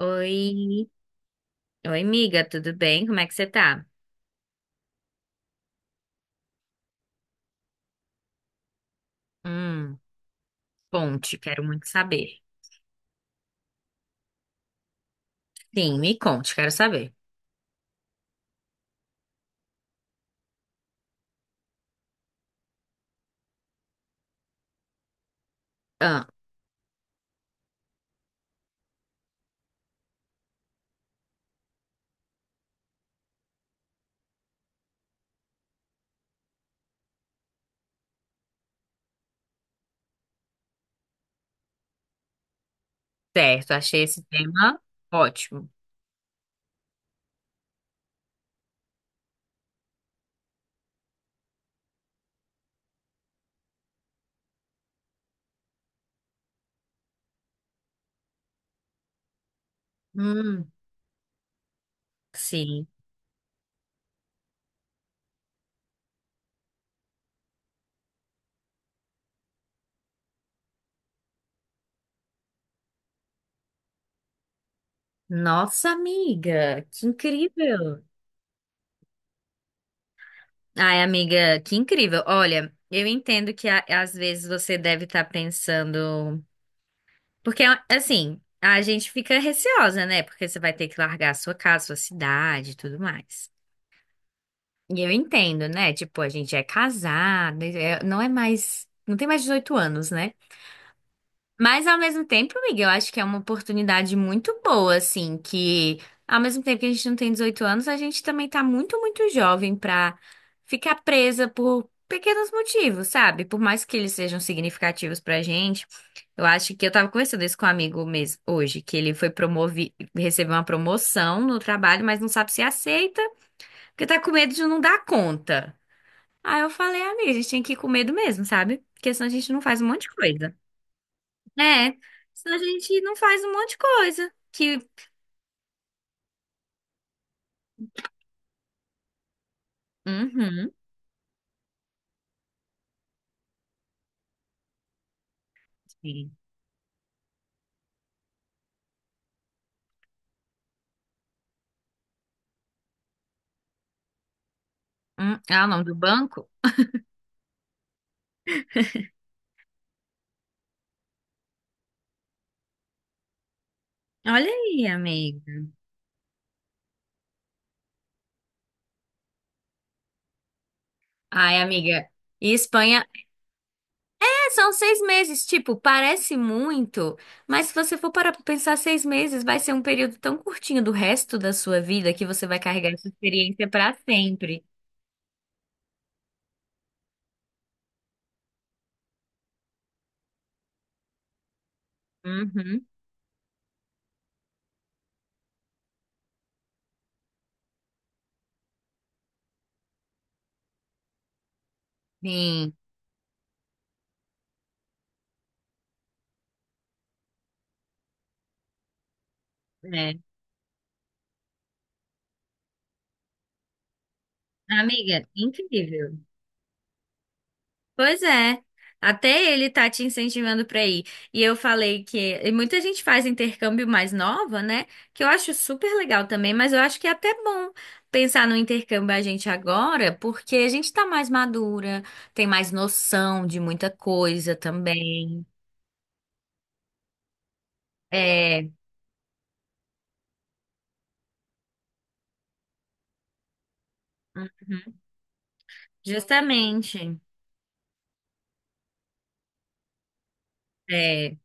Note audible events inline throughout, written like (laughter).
Oi. Oi, amiga, tudo bem? Como é que você tá? Hum, Conte, quero muito saber. Sim, me conte, quero saber. Ah, certo, achei esse tema ótimo. Hum, sim. Nossa, amiga, que incrível. Ai, amiga, que incrível. Olha, eu entendo que às vezes você deve estar pensando. Porque, assim, a gente fica receosa, né? Porque você vai ter que largar a sua casa, sua cidade e tudo mais. E eu entendo, né? Tipo, a gente é casado, não é mais. Não tem mais 18 anos, né? Mas ao mesmo tempo, Miguel, eu acho que é uma oportunidade muito boa, assim, que ao mesmo tempo que a gente não tem 18 anos, a gente também tá muito, muito jovem pra ficar presa por pequenos motivos, sabe? Por mais que eles sejam significativos pra gente. Eu acho que eu tava conversando isso com um amigo mesmo hoje, que ele foi promovido, recebeu uma promoção no trabalho, mas não sabe se aceita, porque tá com medo de não dar conta. Aí eu falei, amiga, a gente tem que ir com medo mesmo, sabe? Porque senão a gente não faz um monte de coisa. É, senão a gente não faz um monte de coisa. Que. Uhum. Sim. Ah, o nome do banco? Olha aí, amiga. Ai, amiga. E Espanha, é, são 6 meses, tipo, parece muito, mas se você for parar pra pensar, 6 meses vai ser um período tão curtinho do resto da sua vida que você vai carregar essa experiência pra sempre. Uhum. Sim, é. Amiga, incrível. Pois é. Até ele tá te incentivando pra ir. E eu falei que. E muita gente faz intercâmbio mais nova, né? Que eu acho super legal também, mas eu acho que é até bom pensar no intercâmbio a gente agora, porque a gente tá mais madura, tem mais noção de muita coisa também. É, justamente. É.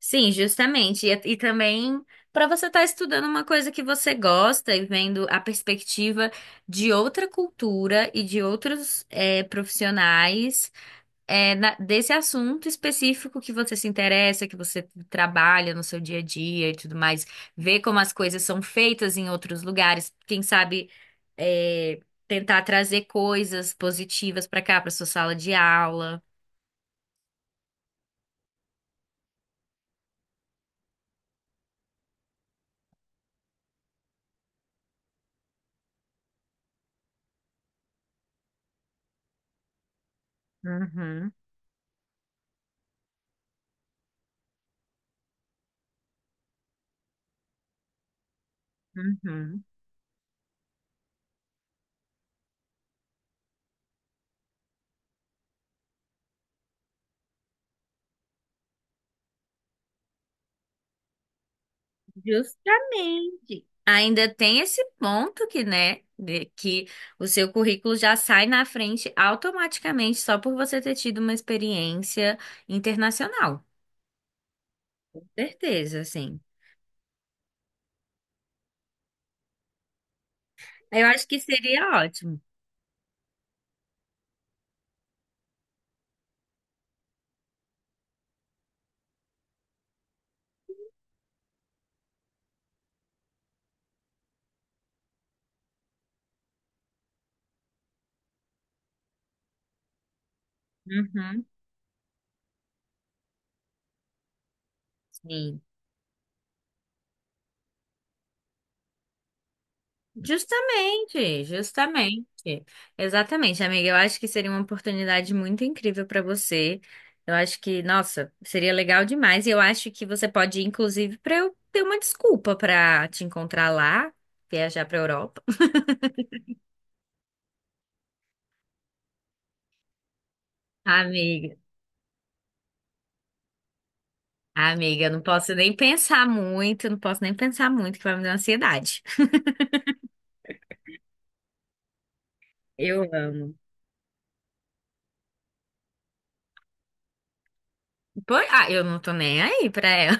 Sim, justamente. E também para você estar estudando uma coisa que você gosta e vendo a perspectiva de outra cultura e de outros profissionais, desse assunto específico que você se interessa, que você trabalha no seu dia a dia e tudo mais. Ver como as coisas são feitas em outros lugares. Quem sabe eh, tentar trazer coisas positivas para cá, para sua sala de aula. Uhum, uhum. Justamente. Ainda tem esse ponto que, né, de- que o seu currículo já sai na frente automaticamente só por você ter tido uma experiência internacional. Certeza, sim. Eu acho que seria ótimo. Uhum. Sim. Justamente, justamente. Exatamente, amiga. Eu acho que seria uma oportunidade muito incrível para você. Eu acho que, nossa, seria legal demais. E eu acho que você pode ir, inclusive, para eu ter uma desculpa para te encontrar lá, viajar para Europa. Amiga, amiga, eu não posso nem pensar muito, eu não posso nem pensar muito, que vai me dar ansiedade. Eu amo. Ah, eu não tô nem aí pra ela.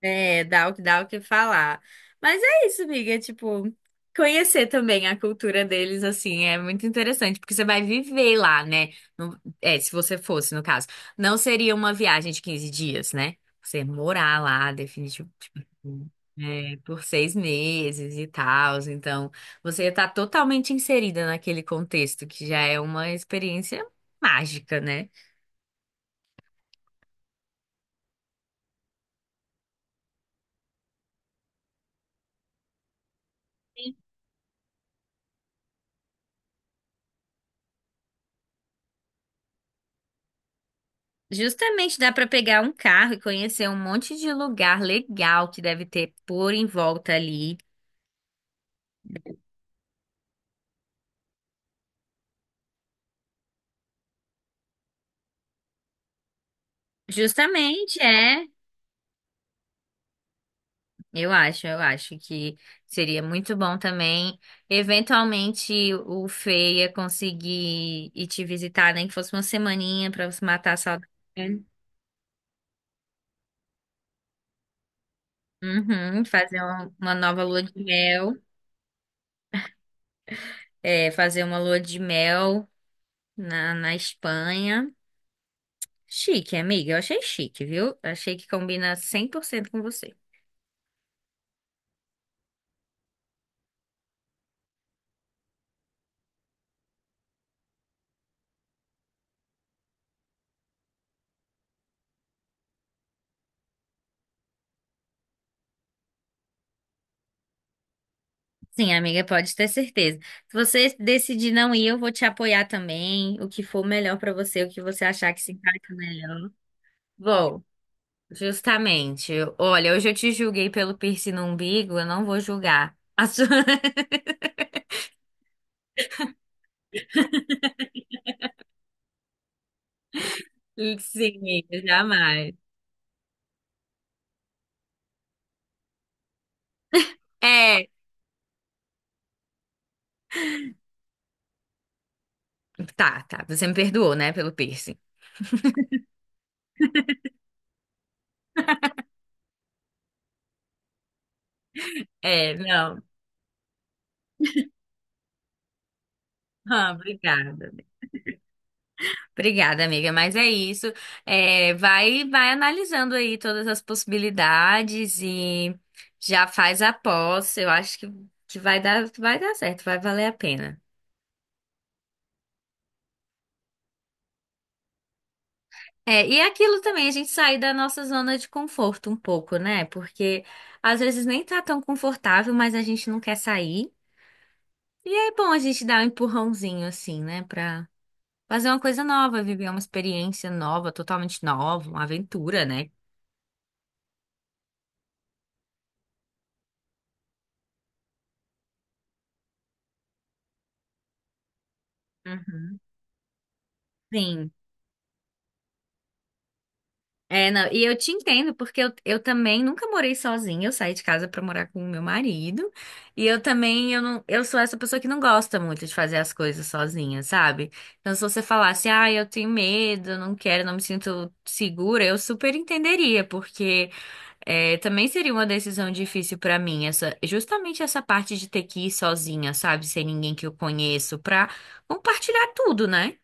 É, dá o que falar. Mas é isso, amiga, é, tipo, conhecer também a cultura deles, assim, é muito interessante, porque você vai viver lá, né? É, se você fosse, no caso. Não seria uma viagem de 15 dias, né? Você morar lá, definitivamente. Tipo, é, por 6 meses e tal, então você está totalmente inserida naquele contexto, que já é uma experiência mágica, né? Justamente dá para pegar um carro e conhecer um monte de lugar legal que deve ter por em volta ali. Justamente, é, eu acho que seria muito bom também, eventualmente o Feia conseguir ir te visitar, nem que fosse uma semaninha para você matar a saudade. Uhum, fazer uma nova lua de mel, é, fazer uma lua de mel na Espanha. Chique, amiga, eu achei chique, viu? Achei que combina 100% com você. Sim, amiga, pode ter certeza. Se você decidir não ir, eu vou te apoiar também. O que for melhor pra você, o que você achar que se encaixa melhor. Vou, justamente. Olha, hoje eu te julguei pelo piercing no umbigo, eu não vou julgar. A sua... (laughs) Sim, amiga, jamais. É, tá, tá. Você me perdoou, né, pelo piercing. É, não. Ah, obrigada. Obrigada, amiga, mas é isso. É, vai, vai analisando aí todas as possibilidades e já faz a aposta. Eu acho que vai dar certo, vai valer a pena. É, e aquilo também, a gente sair da nossa zona de conforto um pouco, né? Porque às vezes nem tá tão confortável, mas a gente não quer sair. E é bom a gente dar um empurrãozinho assim, né? Pra fazer uma coisa nova, viver uma experiência nova, totalmente nova, uma aventura, né? Uhum. Sim. É, não, e eu, te entendo, porque eu também nunca morei sozinha, eu saí de casa pra morar com o meu marido, e eu também, eu não, eu sou essa pessoa que não gosta muito de fazer as coisas sozinha, sabe? Então, se você falasse, ah, eu tenho medo, eu não quero, não me sinto segura, eu super entenderia, porque é, também seria uma decisão difícil pra mim, essa, justamente essa parte de ter que ir sozinha, sabe? Sem ninguém que eu conheço, pra compartilhar tudo, né?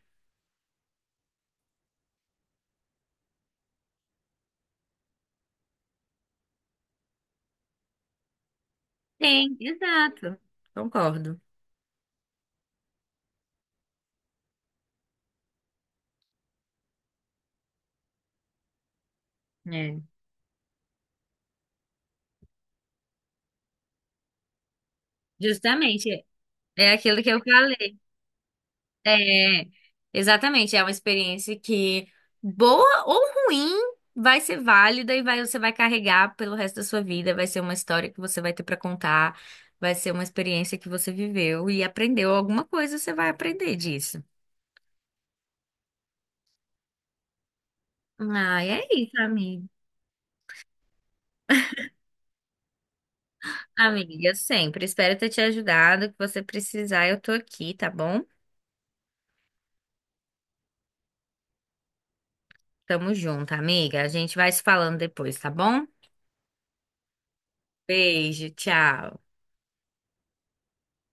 Sim, exato. Concordo. É. Justamente. É aquilo que eu falei. É, exatamente. É uma experiência que, boa ou ruim, vai ser válida e vai, você vai carregar pelo resto da sua vida. Vai ser uma história que você vai ter para contar. Vai ser uma experiência que você viveu e aprendeu alguma coisa, você vai aprender disso. Ai, é isso, amiga. Amiga, sempre. Espero ter te ajudado. O que você precisar, eu tô aqui, tá bom? Tamo junto, amiga. A gente vai se falando depois, tá bom? Beijo, tchau.